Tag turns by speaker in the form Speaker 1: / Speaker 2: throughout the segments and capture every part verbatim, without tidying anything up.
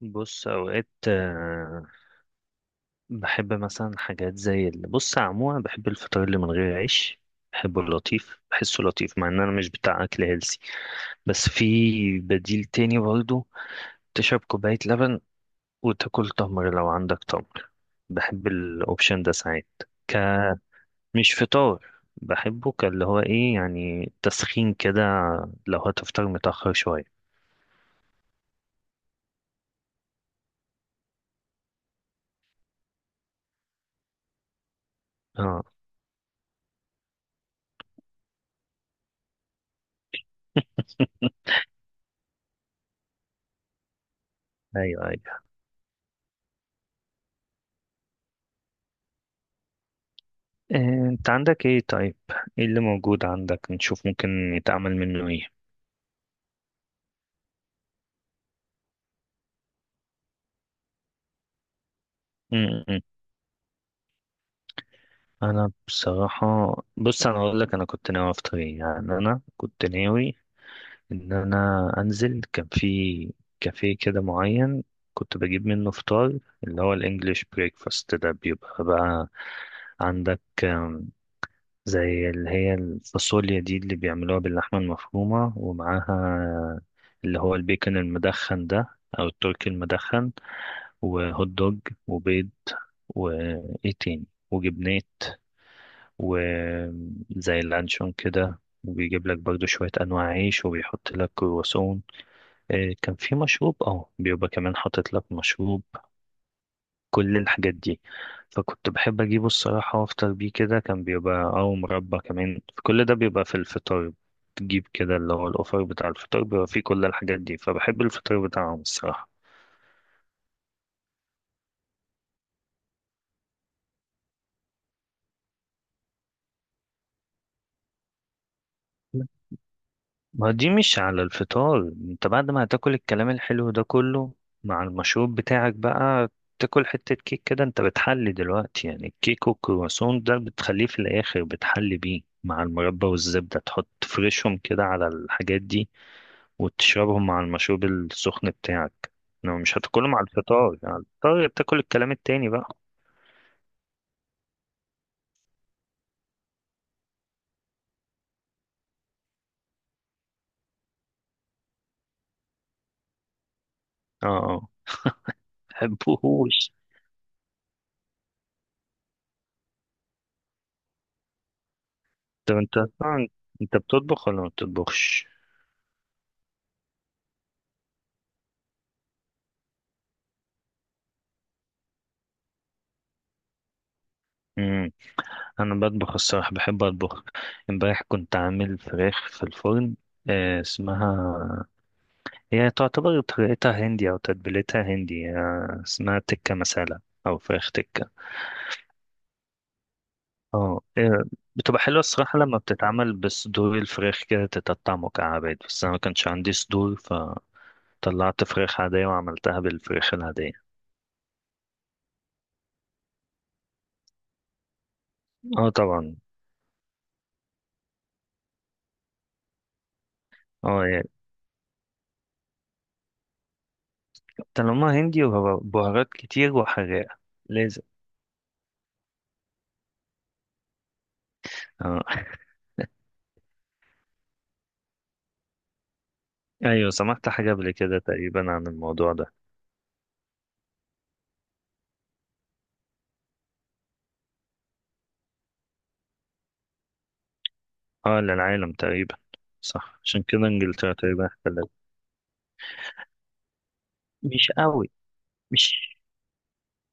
Speaker 1: بص اوقات آه، بحب مثلا حاجات زي ال- بص عموما بحب الفطار اللي من غير عيش. بحبه اللطيف، بحسه لطيف مع ان انا مش بتاع اكل هيلسي، بس في بديل تاني برضه. تشرب كوباية لبن وتاكل تمر لو عندك تمر. بحب الاوبشن ده ساعات. ك مش فطار. بحبه كاللي هو ايه، يعني تسخين كده لو هتفطر متأخر شوية. اه. ايوه، ايوه. إيه، انت عندك ايه طيب؟ ايه اللي موجود عندك نشوف ممكن يتعمل منه ايه؟ م- م. انا بصراحة، بص انا اقول لك انا كنت ناوي افطر ايه، يعني انا كنت ناوي ان انا انزل. كان في كافيه كده معين كنت بجيب منه فطار، اللي هو الانجليش بريكفاست ده. بيبقى بقى عندك آم، زي اللي هي الفاصوليا دي اللي بيعملوها باللحمة المفرومة، ومعاها اللي هو البيكن المدخن ده او التركي المدخن، وهوت دوج، وبيض، وإيه تاني، وجبنات، وزي اللانشون كده. وبيجيب لك برضو شوية أنواع عيش، وبيحط لك كرواسون. آه، كان في مشروب، اه بيبقى كمان حاطط لك مشروب. كل الحاجات دي. فكنت بحب أجيبه الصراحة وأفطر بيه كده. كان بيبقى أو مربى كمان، كل ده بيبقى في الفطار. تجيب كده اللي هو الأوفر بتاع الفطار، بيبقى فيه كل الحاجات دي، فبحب الفطار بتاعهم الصراحة. ما دي مش على الفطار. انت بعد ما هتاكل الكلام الحلو ده كله مع المشروب بتاعك بقى، تاكل حتة كيك كده. انت بتحلي دلوقتي، يعني الكيك والكرواسون ده بتخليه في الاخر بتحلي بيه مع المربى والزبدة، تحط تفرشهم كده على الحاجات دي وتشربهم مع المشروب السخن بتاعك. لو مش هتاكلهم على الفطار، على الفطار بتاكل الكلام التاني بقى. اه، اه. مبحبوهوش. طب انت اصلا انت بتطبخ ولا ما بتطبخش؟ مم. انا بطبخ الصراحه، بحب اطبخ. امبارح كنت عامل فراخ في الفرن، آه، اسمها، هي تعتبر طريقتها هندي او تتبيلتها هندي. آه، اسمها تكه مسالة، او فراخ تكه. اه، آه، بتبقى حلوه الصراحه لما بتتعمل بصدور الفراخ كده تتقطع مكعبات، بس انا ما كانش عندي صدور، فطلعت فراخ عاديه وعملتها بالفراخ العاديه. اه طبعا. اه، يعني طالما هندي وبهارات كتير وحراقه، لازم. اه. ايوه، سمعت حاجة قبل كده تقريبا عن الموضوع ده. اه، للعالم تقريبا. صح، عشان كده انجلترا تقريبا احتلت. مش قوي مش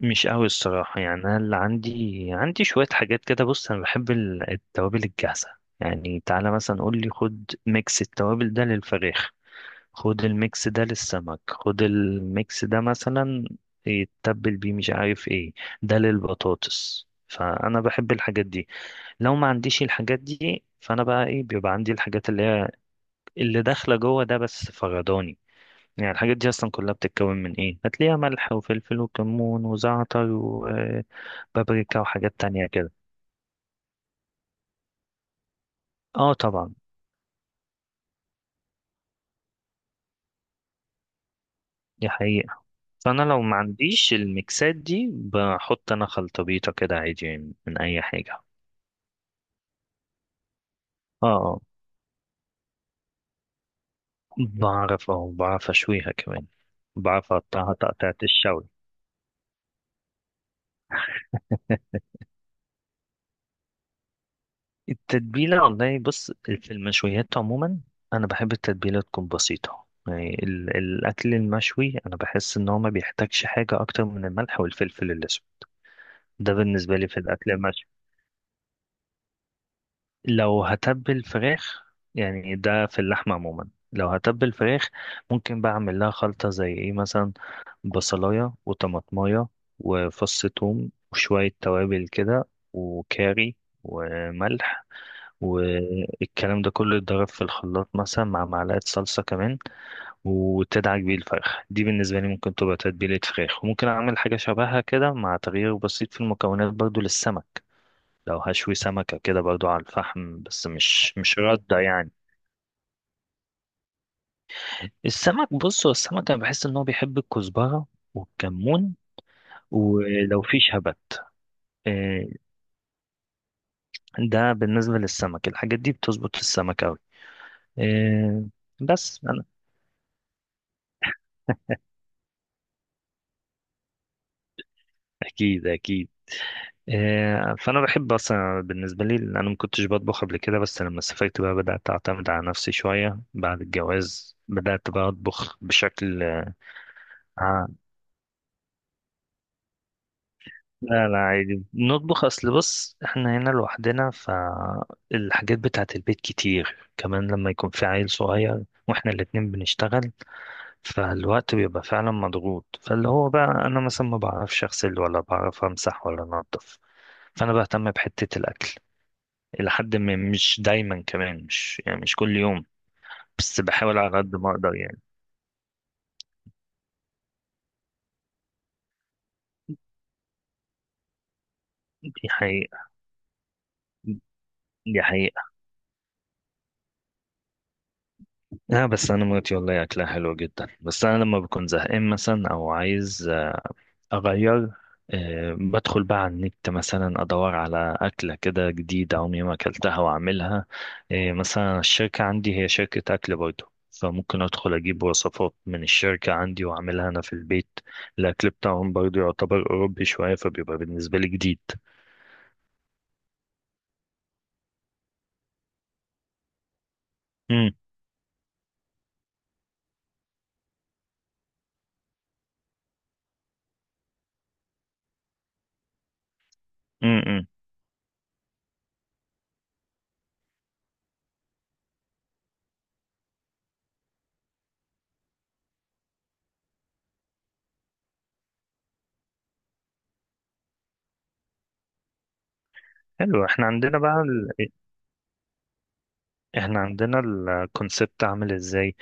Speaker 1: مش قوي الصراحة، يعني انا اللي عندي، عندي شوية حاجات كده. بص انا بحب ال- التوابل الجاهزة. يعني تعالى مثلا قول لي خد ميكس التوابل ده للفراخ، خد الميكس ده للسمك، خد الميكس ده مثلا يتبل بيه مش عارف ايه، ده للبطاطس. فانا بحب الحاجات دي. لو ما عنديش الحاجات دي فانا بقى ايه، بيبقى عندي الحاجات اللي هي اللي داخله جوه ده بس فغداني. يعني الحاجات دي اصلا كلها بتتكون من ايه، هتلاقيها ملح وفلفل وكمون وزعتر وبابريكا وحاجات تانية كده. اه طبعا. دي حقيقة. فانا لو ما عنديش الميكسات دي، بحط انا خلطبيطة كده عادي يعني من اي حاجة. اه، اه. بعرف اه بعرف اشويها كمان. بعرف اقطعها تقطعة الشوي. التتبيلة والله، بص في المشويات عموما أنا بحب التتبيلة تكون بسيطة. يعني ال- الأكل المشوي أنا بحس إن هو ما بيحتاجش حاجة أكتر من الملح والفلفل الأسود. ده بالنسبة لي في الأكل المشوي. لو هتبل فراخ، يعني ده في اللحمة عموما، لو هتبل فراخ، ممكن بعمل لها خلطة زي إيه مثلا؟ بصلاية وطماطماية، وفص ثوم وشوية توابل كده، وكاري، وملح. والكلام ده كله يتضرب في الخلاط مثلا مع معلقة صلصة كمان، وتدعك بيه الفرخ. دي بالنسبة لي ممكن تبقى تتبيلة فراخ، وممكن أعمل حاجة شبهها كده مع تغيير بسيط في المكونات برضو للسمك. لو هشوي سمكة كده برضو على الفحم، بس مش مش ردة يعني. السمك، بص هو السمك أنا بحس إن هو بيحب الكزبرة والكمون، ولو في شبت. إيه، ده بالنسبة للسمك، الحاجات دي بتظبط في السمك أوي. إيه، بس أنا أكيد، أكيد. إيه، فانا بحب اصلا بالنسبه لي، لأن انا ما كنتش بطبخ قبل كده، بس لما سافرت بقى بدات اعتمد على نفسي شويه. بعد الجواز بدات بقى اطبخ بشكل. آه. لا، لا، عادي نطبخ، اصل بص احنا هنا لوحدنا، فالحاجات بتاعت البيت كتير، كمان لما يكون في عيل صغير واحنا الاتنين بنشتغل، فالوقت بيبقى فعلا مضغوط. فاللي هو بقى انا مثلا ما بعرفش اغسل ولا بعرف امسح ولا انضف، فانا بهتم بحته الاكل إلى حد ما. مش دايما كمان، مش يعني مش كل يوم، بس بحاول على قد ما أقدر يعني. دي حقيقة. دي حقيقة. لا، بس أنا مراتي والله أكلها حلو جدا، بس أنا لما بكون زهقان مثلا أو عايز أغير، آه، بدخل بقى على النت مثلا أدور على أكلة كده جديدة عمري ما أكلتها وأعملها. آه، مثلا الشركة عندي هي شركة أكل برضه، فممكن أدخل أجيب وصفات من الشركة عندي وأعملها أنا في البيت. الأكل بتاعهم برضه يعتبر أوروبي شوية، فبيبقى بالنسبة لي جديد. امم. حلو. احنا عندنا بقى ال... احنا عندنا الكونسبت عامل ازاي.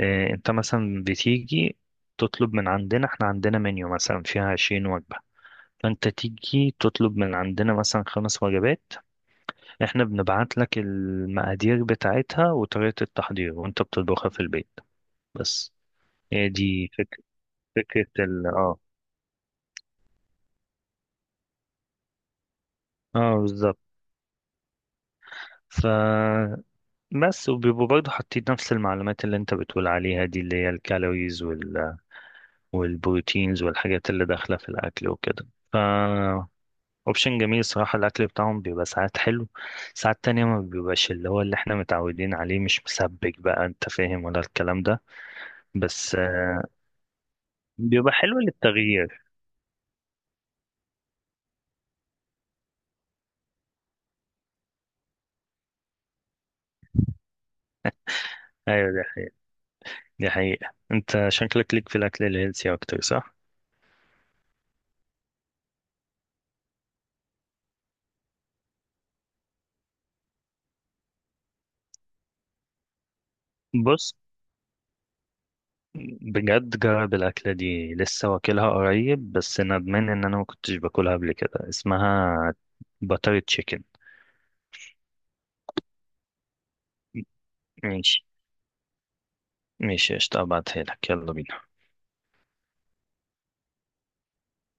Speaker 1: اه، انت مثلا بتيجي تطلب من عندنا. احنا عندنا منيو مثلا فيها عشرين وجبة، فانت تيجي تطلب من عندنا مثلا خمس وجبات. احنا بنبعت لك المقادير بتاعتها وطريقة التحضير، وانت بتطبخها في البيت بس. هي دي فك... فكرة ال اه اه، بالظبط. ف بس، وبيبقوا برضه حاطين نفس المعلومات اللي انت بتقول عليها دي، اللي هي الكالوريز والبروتينز والحاجات اللي داخلة في الأكل وكده. ف اوبشن جميل صراحة. الأكل بتاعهم بيبقى ساعات حلو، ساعات تانية ما بيبقاش اللي هو اللي احنا متعودين عليه. مش مسبك بقى، انت فاهم ولا الكلام ده. بس آه، بيبقى حلو للتغيير. ايوه، ده، دي حقيقة. انت شكلك ليك في الأكل الهيلثي أكتر، صح؟ بص، بجد جرب الأكلة دي، لسه واكلها قريب بس ندمان إن أنا ما كنتش باكلها قبل كده، اسمها باتر تشيكن. ماشي، ماشي، قشطة، ابعتها لك، يلا بينا.